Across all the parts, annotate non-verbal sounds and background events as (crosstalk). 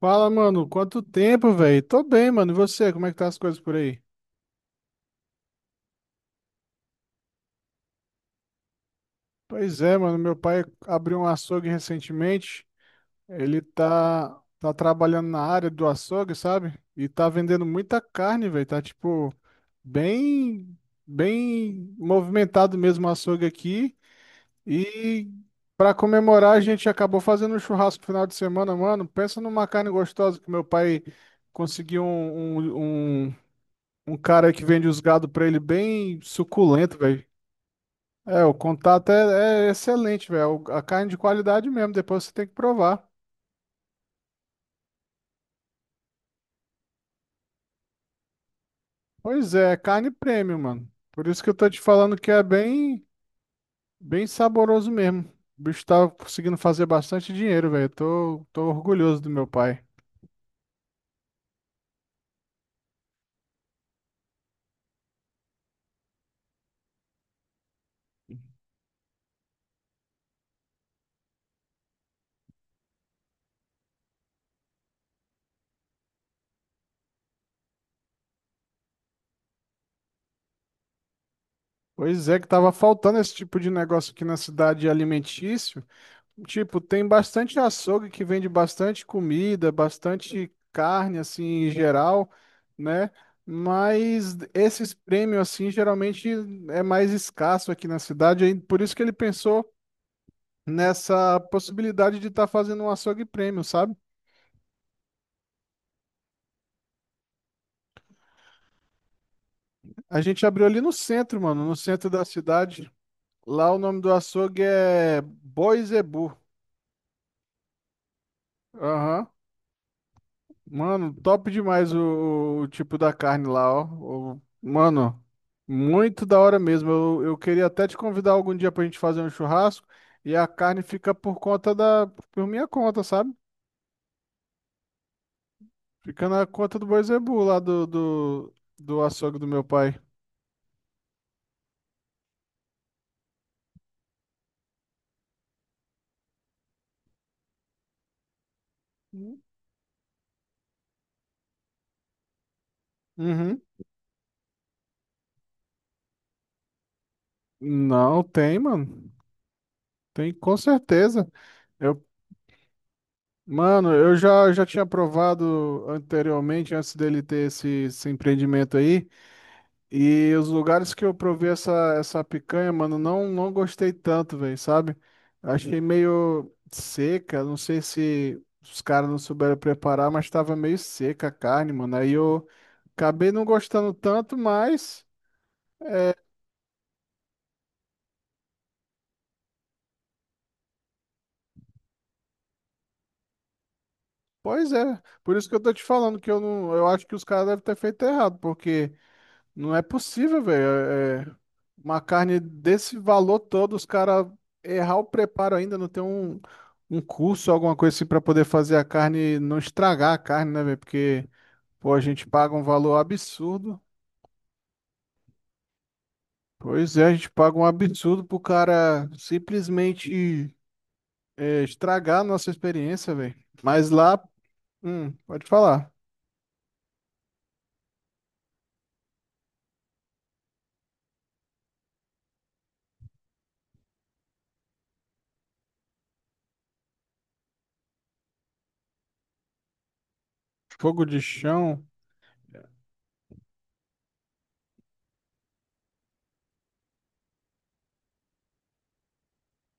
Fala, mano, quanto tempo, velho? Tô bem, mano. E você, como é que tá as coisas por aí? Pois é, mano, meu pai abriu um açougue recentemente. Ele tá trabalhando na área do açougue, sabe? E tá vendendo muita carne, velho. Tá tipo bem bem movimentado mesmo o açougue aqui. E pra comemorar, a gente acabou fazendo um churrasco no final de semana, mano. Pensa numa carne gostosa que meu pai conseguiu um Um cara que vende os gado pra ele bem suculento, velho. É, o contato é excelente, velho. A carne de qualidade mesmo, depois você tem que provar. Pois é, é carne premium, mano. Por isso que eu tô te falando que é bem saboroso mesmo. O bicho tá conseguindo fazer bastante dinheiro, velho. Tô orgulhoso do meu pai. Pois é, que tava faltando esse tipo de negócio aqui na cidade alimentício. Tipo, tem bastante açougue que vende bastante comida, bastante carne, assim, em geral, né? Mas esses prêmios, assim, geralmente é mais escasso aqui na cidade, aí por isso que ele pensou nessa possibilidade de estar fazendo um açougue prêmio, sabe? A gente abriu ali no centro, mano, no centro da cidade. Lá o nome do açougue é Boi Zebu. Aham. Mano, top demais o tipo da carne lá, ó. Mano, muito da hora mesmo. Eu queria até te convidar algum dia pra gente fazer um churrasco e a carne fica por minha conta, sabe? Fica na conta do Boi Zebu lá do açougue do meu pai. Uhum. Não, tem, mano. Tem com certeza. Eu, mano, eu já tinha provado anteriormente, antes dele ter esse empreendimento aí. E os lugares que eu provei essa picanha, mano, não gostei tanto, velho, sabe? Achei meio seca, não sei se os caras não souberam preparar, mas tava meio seca a carne, mano. Aí eu acabei não gostando tanto, mas, pois é. Por isso que eu tô te falando que eu não, eu acho que os caras devem ter feito errado, porque não é possível, velho. É uma carne desse valor todo, os caras errar o preparo ainda, não tem um, um curso, alguma coisa assim pra poder fazer a carne, não estragar a carne, né, velho? Porque, pô, a gente paga um valor absurdo. Pois é, a gente paga um absurdo pro cara simplesmente estragar a nossa experiência, velho. Mas lá, pode falar. Fogo de chão.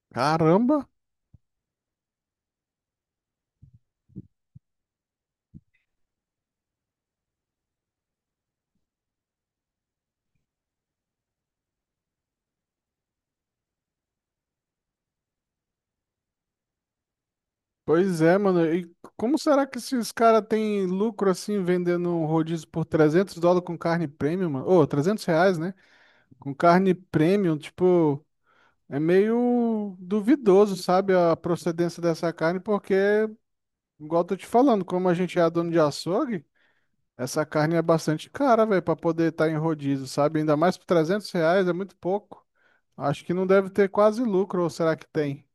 Caramba! Pois é, mano. E como será que esses caras têm lucro assim vendendo um rodízio por US$ 300 com carne premium, mano? Ô, R$ 300, né? Com carne premium, tipo, é meio duvidoso, sabe, a procedência dessa carne, porque, igual eu tô te falando, como a gente é dono de açougue, essa carne é bastante cara, velho, pra poder estar em rodízio, sabe? Ainda mais por R$ 300, é muito pouco. Acho que não deve ter quase lucro, ou será que tem?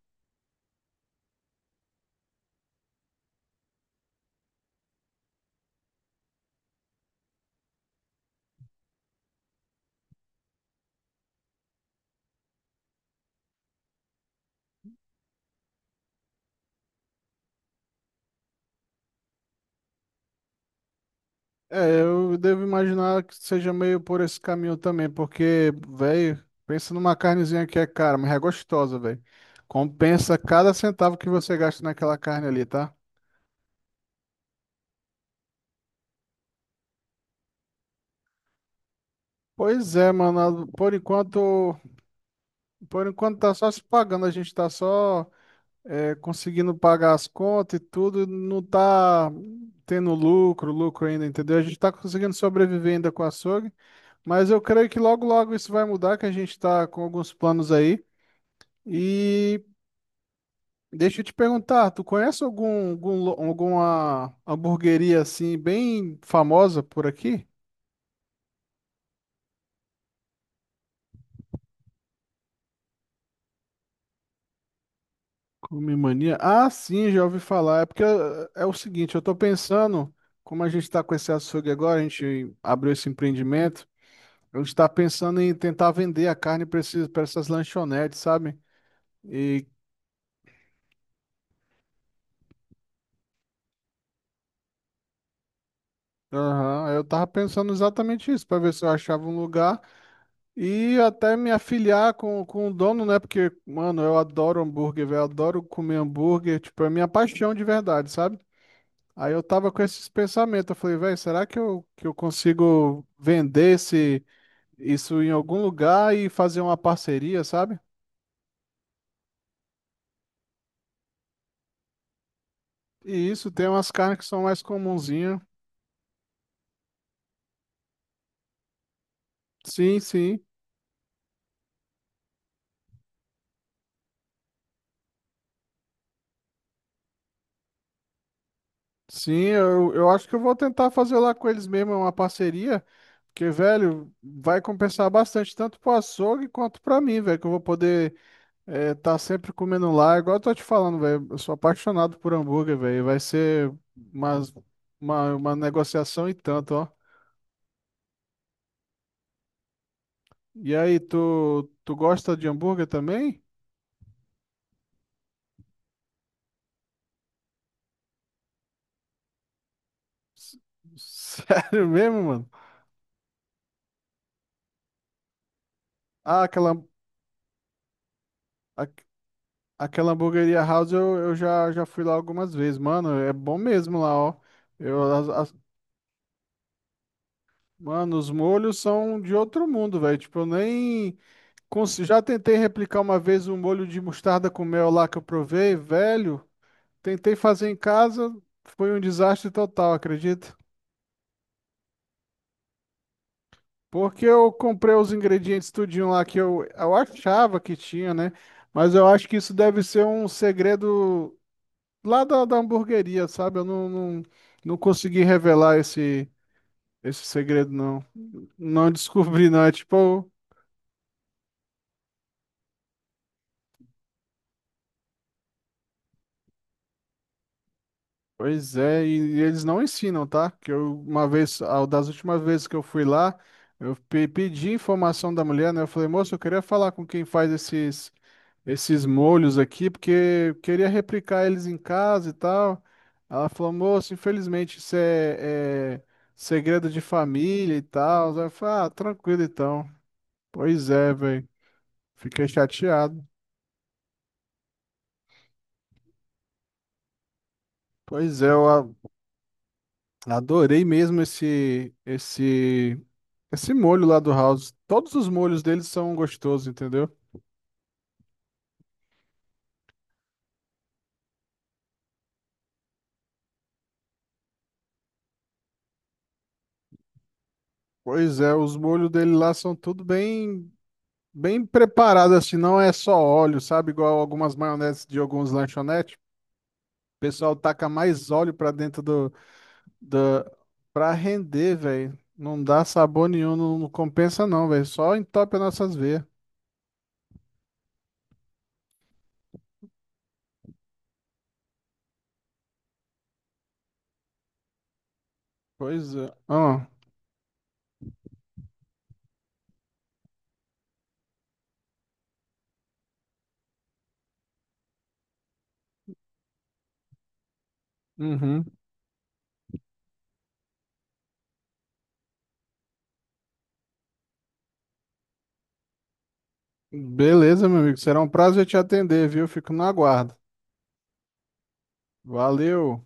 É, eu devo imaginar que seja meio por esse caminho também, porque, velho, pensa numa carnezinha que é cara, mas é gostosa, velho. Compensa cada centavo que você gasta naquela carne ali, tá? Pois é, mano, por enquanto tá só se pagando, a gente tá só conseguindo pagar as contas e tudo, não tá tendo lucro ainda, entendeu? A gente tá conseguindo sobreviver ainda com o açougue, mas eu creio que logo, logo isso vai mudar, que a gente tá com alguns planos aí. E deixa eu te perguntar, tu conhece algum alguma hamburgueria assim bem famosa por aqui? Come Mania? Ah, sim, já ouvi falar. É porque é o seguinte, eu tô pensando, como a gente tá com esse açougue agora, a gente abriu esse empreendimento, a gente tá pensando em tentar vender a carne para essas lanchonetes, sabe? E aham, eu tava pensando exatamente isso, para ver se eu achava um lugar. E até me afiliar com o dono, né? Porque, mano, eu adoro hambúrguer, velho. Adoro comer hambúrguer. Tipo, é minha paixão de verdade, sabe? Aí eu tava com esses pensamentos. Eu falei, velho, será que eu consigo vender isso em algum lugar e fazer uma parceria, sabe? E isso, tem umas carnes que são mais comunzinhas. Sim, sim. Sim, eu acho que eu vou tentar fazer lá com eles mesmo uma parceria. Porque, velho, vai compensar bastante, tanto pro açougue quanto pra mim, velho, que eu vou poder é, tá sempre comendo lá, igual eu tô te falando, velho. Eu sou apaixonado por hambúrguer, velho. Vai ser umas, uma negociação e tanto, ó. E aí, tu gosta de hambúrguer também? S- Sério (laughs) mesmo, mano? Ah, a- aquela hamburgueria House eu, eu já fui lá algumas vezes, mano. É bom mesmo lá, ó. Eu, as- as- Mano, os molhos são de outro mundo, velho. Tipo, eu nem. Já tentei replicar uma vez um molho de mostarda com mel lá que eu provei, velho. Tentei fazer em casa, foi um desastre total, acredito. Porque eu comprei os ingredientes tudinho lá que eu achava que tinha, né? Mas eu acho que isso deve ser um segredo lá da hamburgueria, sabe? Eu não consegui revelar esse segredo, não. Não descobri, não. É tipo, pois é, e eles não ensinam, tá? Que eu, uma vez, das últimas vezes que eu fui lá, eu pedi informação da mulher, né? Eu falei, moça, eu queria falar com quem faz esses. Esses molhos aqui, porque eu queria replicar eles em casa e tal. Ela falou, moço, infelizmente isso é segredo de família e tal. Aí eu falei, ah, tranquilo então. Pois é, velho. Fiquei chateado. Pois é, eu adorei mesmo esse molho lá do House. Todos os molhos deles são gostosos, entendeu? Pois é, os molhos dele lá são tudo bem preparados, assim, não é só óleo, sabe? Igual algumas maioneses de alguns lanchonetes. Pessoal taca mais óleo pra dentro do, da pra render, velho. Não dá sabor nenhum, não compensa não, velho. Só entope as nossas veias. Pois é. Ó, uhum. Beleza, meu amigo. Será um prazer te atender, viu? Fico no aguardo. Valeu.